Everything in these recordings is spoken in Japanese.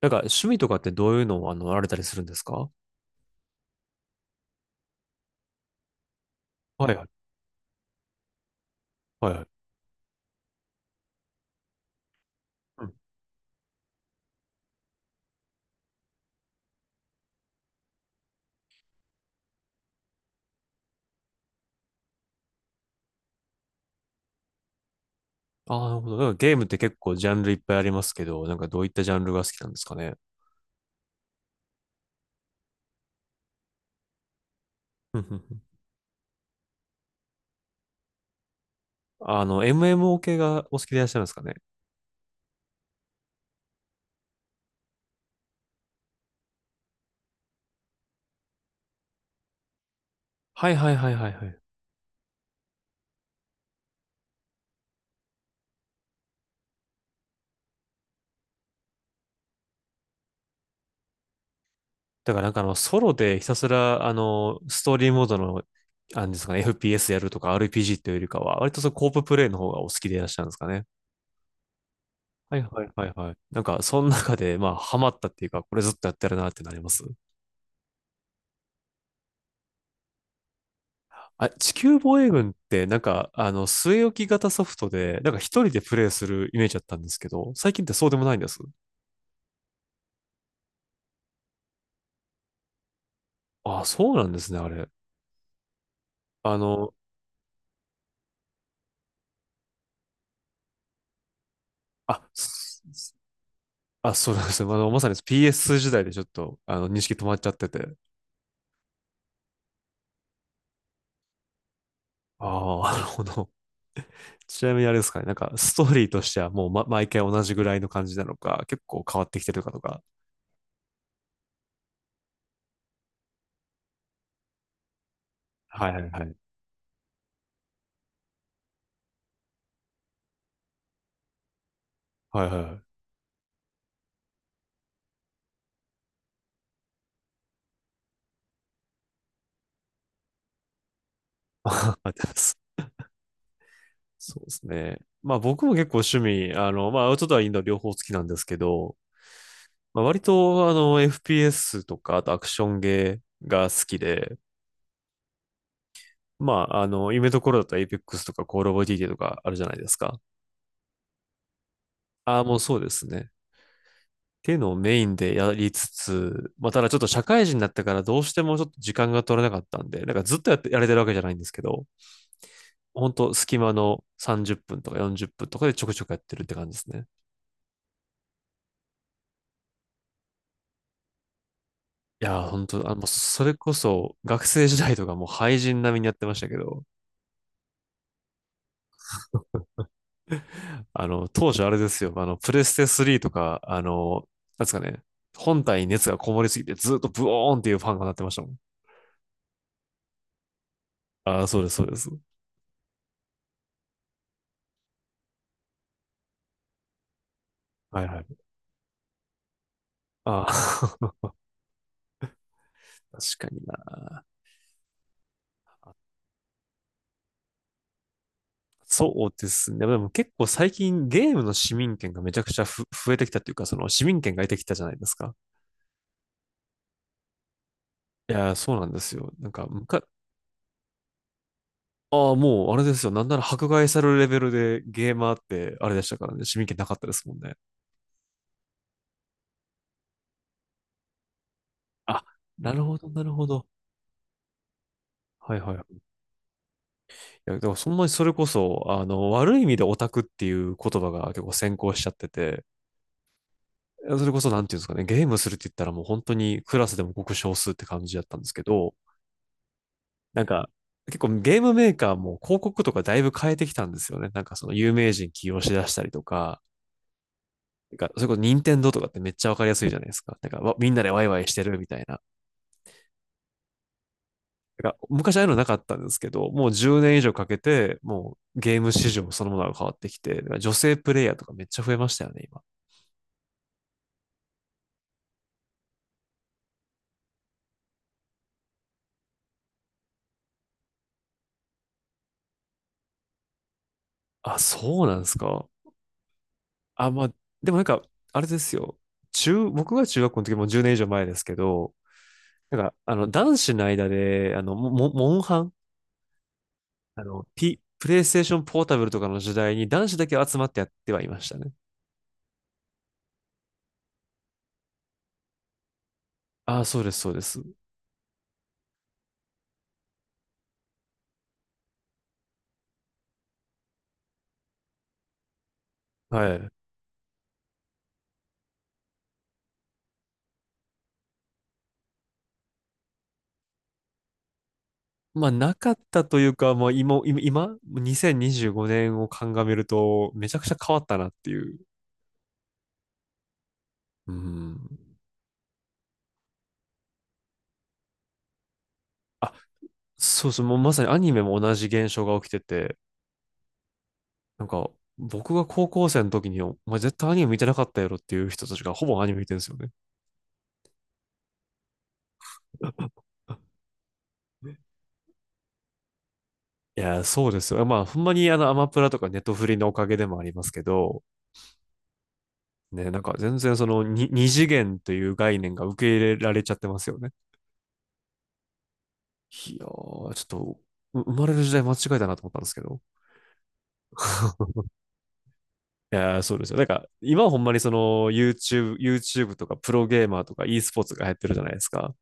なんか趣味とかってどういうのをられたりするんですか？はいはい。はいはい。うん。ああ、なるほど。なんかゲームって結構ジャンルいっぱいありますけど、なんかどういったジャンルが好きなんですかね？うんうんうん。MMO 系がお好きでいらっしゃるんですかね？はいはいはいはいはい。だからなんかソロでひたすら、ストーリーモードの、あんですかね、FPS やるとか RPG というよりかは、割とそのコーププレイの方がお好きでいらっしゃるんですかね？はいはいはいはい。なんか、その中で、まあ、ハマったっていうか、これずっとやってるなってなります。あ、地球防衛軍って、なんか、据え置き型ソフトで、なんか一人でプレイするイメージだったんですけど、最近ってそうでもないんです。あ、そうなんですね、あれ。あの、あ、すすあ、そうなんですね。まさに PS 時代でちょっと、認識止まっちゃってて。ああ、なるほど。ちなみにあれですかね、なんか、ストーリーとしてはもう、毎回同じぐらいの感じなのか、結構変わってきてるかとか。はいはいはい。はいはいはい。そうですね。まあ僕も結構趣味、まあアウトドア、インドア両方好きなんですけど、まあ割とあの FPS とか、あとアクションゲーが好きで、まあ夢ところだったら Apex とか Call of Duty とかあるじゃないですか。ああ、もうそうですね。っていうのをメインでやりつつ、まあただちょっと社会人になってからどうしてもちょっと時間が取れなかったんで、なんかずっとやれてるわけじゃないんですけど、ほんと隙間の30分とか40分とかでちょくちょくやってるって感じですね。いやー、本当それこそ、学生時代とかもう廃人並みにやってましたけど、当時あれですよ、プレステ3とか、なんですかね、本体に熱がこもりすぎて、ずっとブオーンっていうファンが鳴ってましたもん。ああ、そうです、そうです。はいはい。ああ。確かにな。そうですね。でも結構最近ゲームの市民権がめちゃくちゃ増えてきたっていうか、その市民権が得てきたじゃないですか。いやー、そうなんですよ。ああ、もう、あれですよ。なんなら迫害されるレベルでゲーマーって、あれでしたからね。市民権なかったですもんね。あ、なるほど、なるほど。はいはい。いや、だからそんなにそれこそ、悪い意味でオタクっていう言葉が結構先行しちゃってて、それこそなんていうんですかね、ゲームするって言ったらもう本当にクラスでもごく少数って感じだったんですけど、なんか、結構ゲームメーカーも広告とかだいぶ変えてきたんですよね。なんかその有名人起用しだしたりとか、なんかそれこそ任天堂とかってめっちゃわかりやすいじゃないですか。なんかみんなでワイワイしてるみたいな。なんか昔ああいうのなかったんですけど、もう10年以上かけて、もうゲーム市場そのものが変わってきて、だから女性プレイヤーとかめっちゃ増えましたよね、今。あ、そうなんですか。あ、まあ、でもなんか、あれですよ。僕が中学校の時もじゅう10年以上前ですけど、なんか、男子の間で、モンハン、プレイステーションポータブルとかの時代に男子だけ集まってやってはいましたね。ああ、そうです、そうです。はい。まあ、なかったというか、まあ、今2025年を鑑みると、めちゃくちゃ変わったなっていう。うん。あ、そうそう、もうまさにアニメも同じ現象が起きてて、なんか、僕が高校生の時に、お前絶対アニメ見てなかったやろっていう人たちがほぼアニメ見てるんですよね。いやー、そうですよ。まあ、ほんまにアマプラとかネットフリのおかげでもありますけど、ね、なんか全然そのに二次元という概念が受け入れられちゃってますよね。いやー、ちょっと、生まれる時代間違えたなと思ったんですけど。いやそうですよ。なんか、今はほんまにその YouTube とかプロゲーマーとか e スポーツが流行ってるじゃないですか。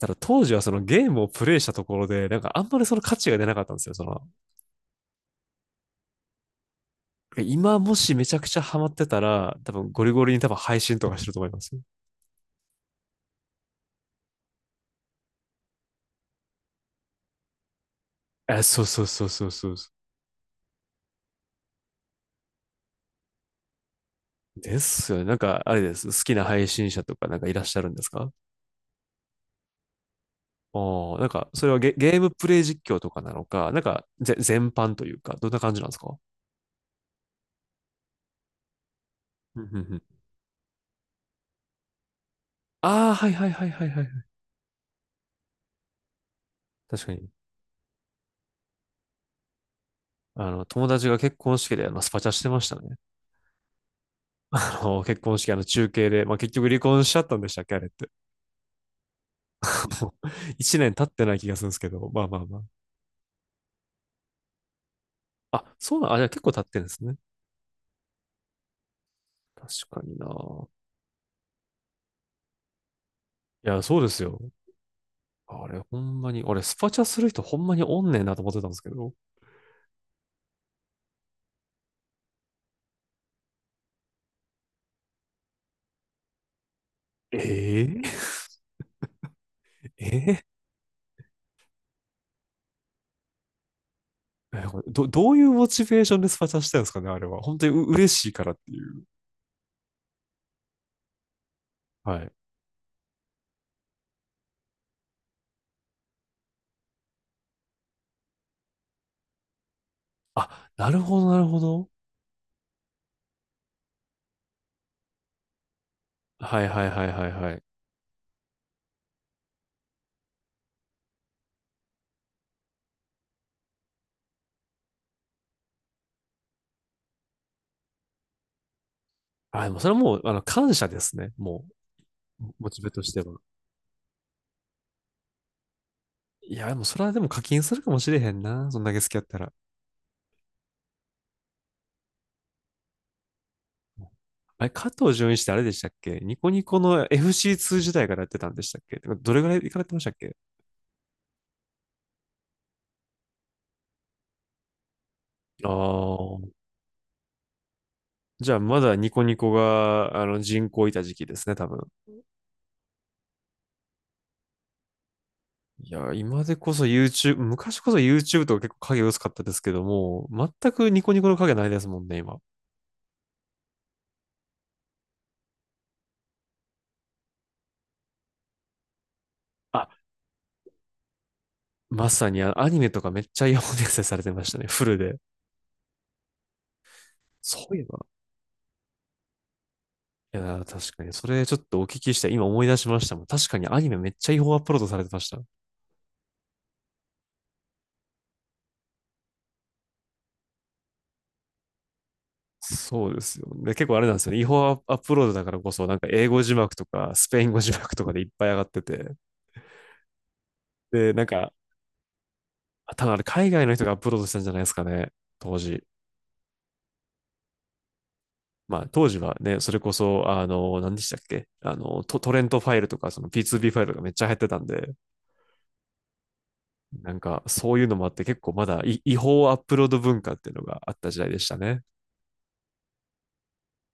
ただ当時はそのゲームをプレイしたところで、なんかあんまりその価値が出なかったんですよ。その、今もしめちゃくちゃハマってたら、多分ゴリゴリに多分配信とかしてると思いますよ。え、そうそうそうそうそうそう。ですよね。なんか、あれです。好きな配信者とかなんかいらっしゃるんですか？おーなんか、それはゲームプレイ実況とかなのか、なんか、全般というか、どんな感じなんですか？うんうんうん。ああ、はいはいはいはいはい。確かに。友達が結婚式で、スパチャしてましたね。結婚式、中継で、まあ、結局離婚しちゃったんでしたっけ、あれって。もう一年経ってない気がするんですけど、まあまあまあ。あ、そうなん、あ、じゃあ結構経ってるんですね。確かにな。いや、そうですよ。あれ、ほんまに、俺、スパチャする人ほんまにおんねんなと思ってたんですけど。えええええ、これど、どういうモチベーションでスパチャしてるんですかね、あれは？本当に嬉しいからっていう。はい。あ、なるほど、なるほど。はいはいはいはいはい。あ、でもそれはもう、感謝ですね。もう、モチベとしては。いや、でもそれはでも課金するかもしれへんな。そんだけ好きやったら。あれ、加藤純一ってあれでしたっけ？ニコニコの FC2 時代からやってたんでしたっけ？てかどれぐらい行かれてましたっけ？ああー。じゃあ、まだニコニコが、人口いた時期ですね、多分。いや、今でこそ YouTube、昔こそ YouTube とか結構影薄かったですけども、全くニコニコの影ないですもんね、今。あ、まさにあのアニメとかめっちゃイヤホン再生されてましたね、フルで。そういえば。いやー、確かに。それちょっとお聞きして、今思い出しましたもん。確かにアニメめっちゃ違法アップロードされてました。そうですよ。ね結構あれなんですよね。違法アップロードだからこそ、なんか英語字幕とか、スペイン語字幕とかでいっぱい上がってて。で、なんか、多分あれ海外の人がアップロードしたんじゃないですかね。当時。まあ、当時はね、それこそ、何でしたっけトレントファイルとか、その P2B ファイルがめっちゃ入ってたんで、なんか、そういうのもあって、結構まだ違法アップロード文化っていうのがあった時代でしたね。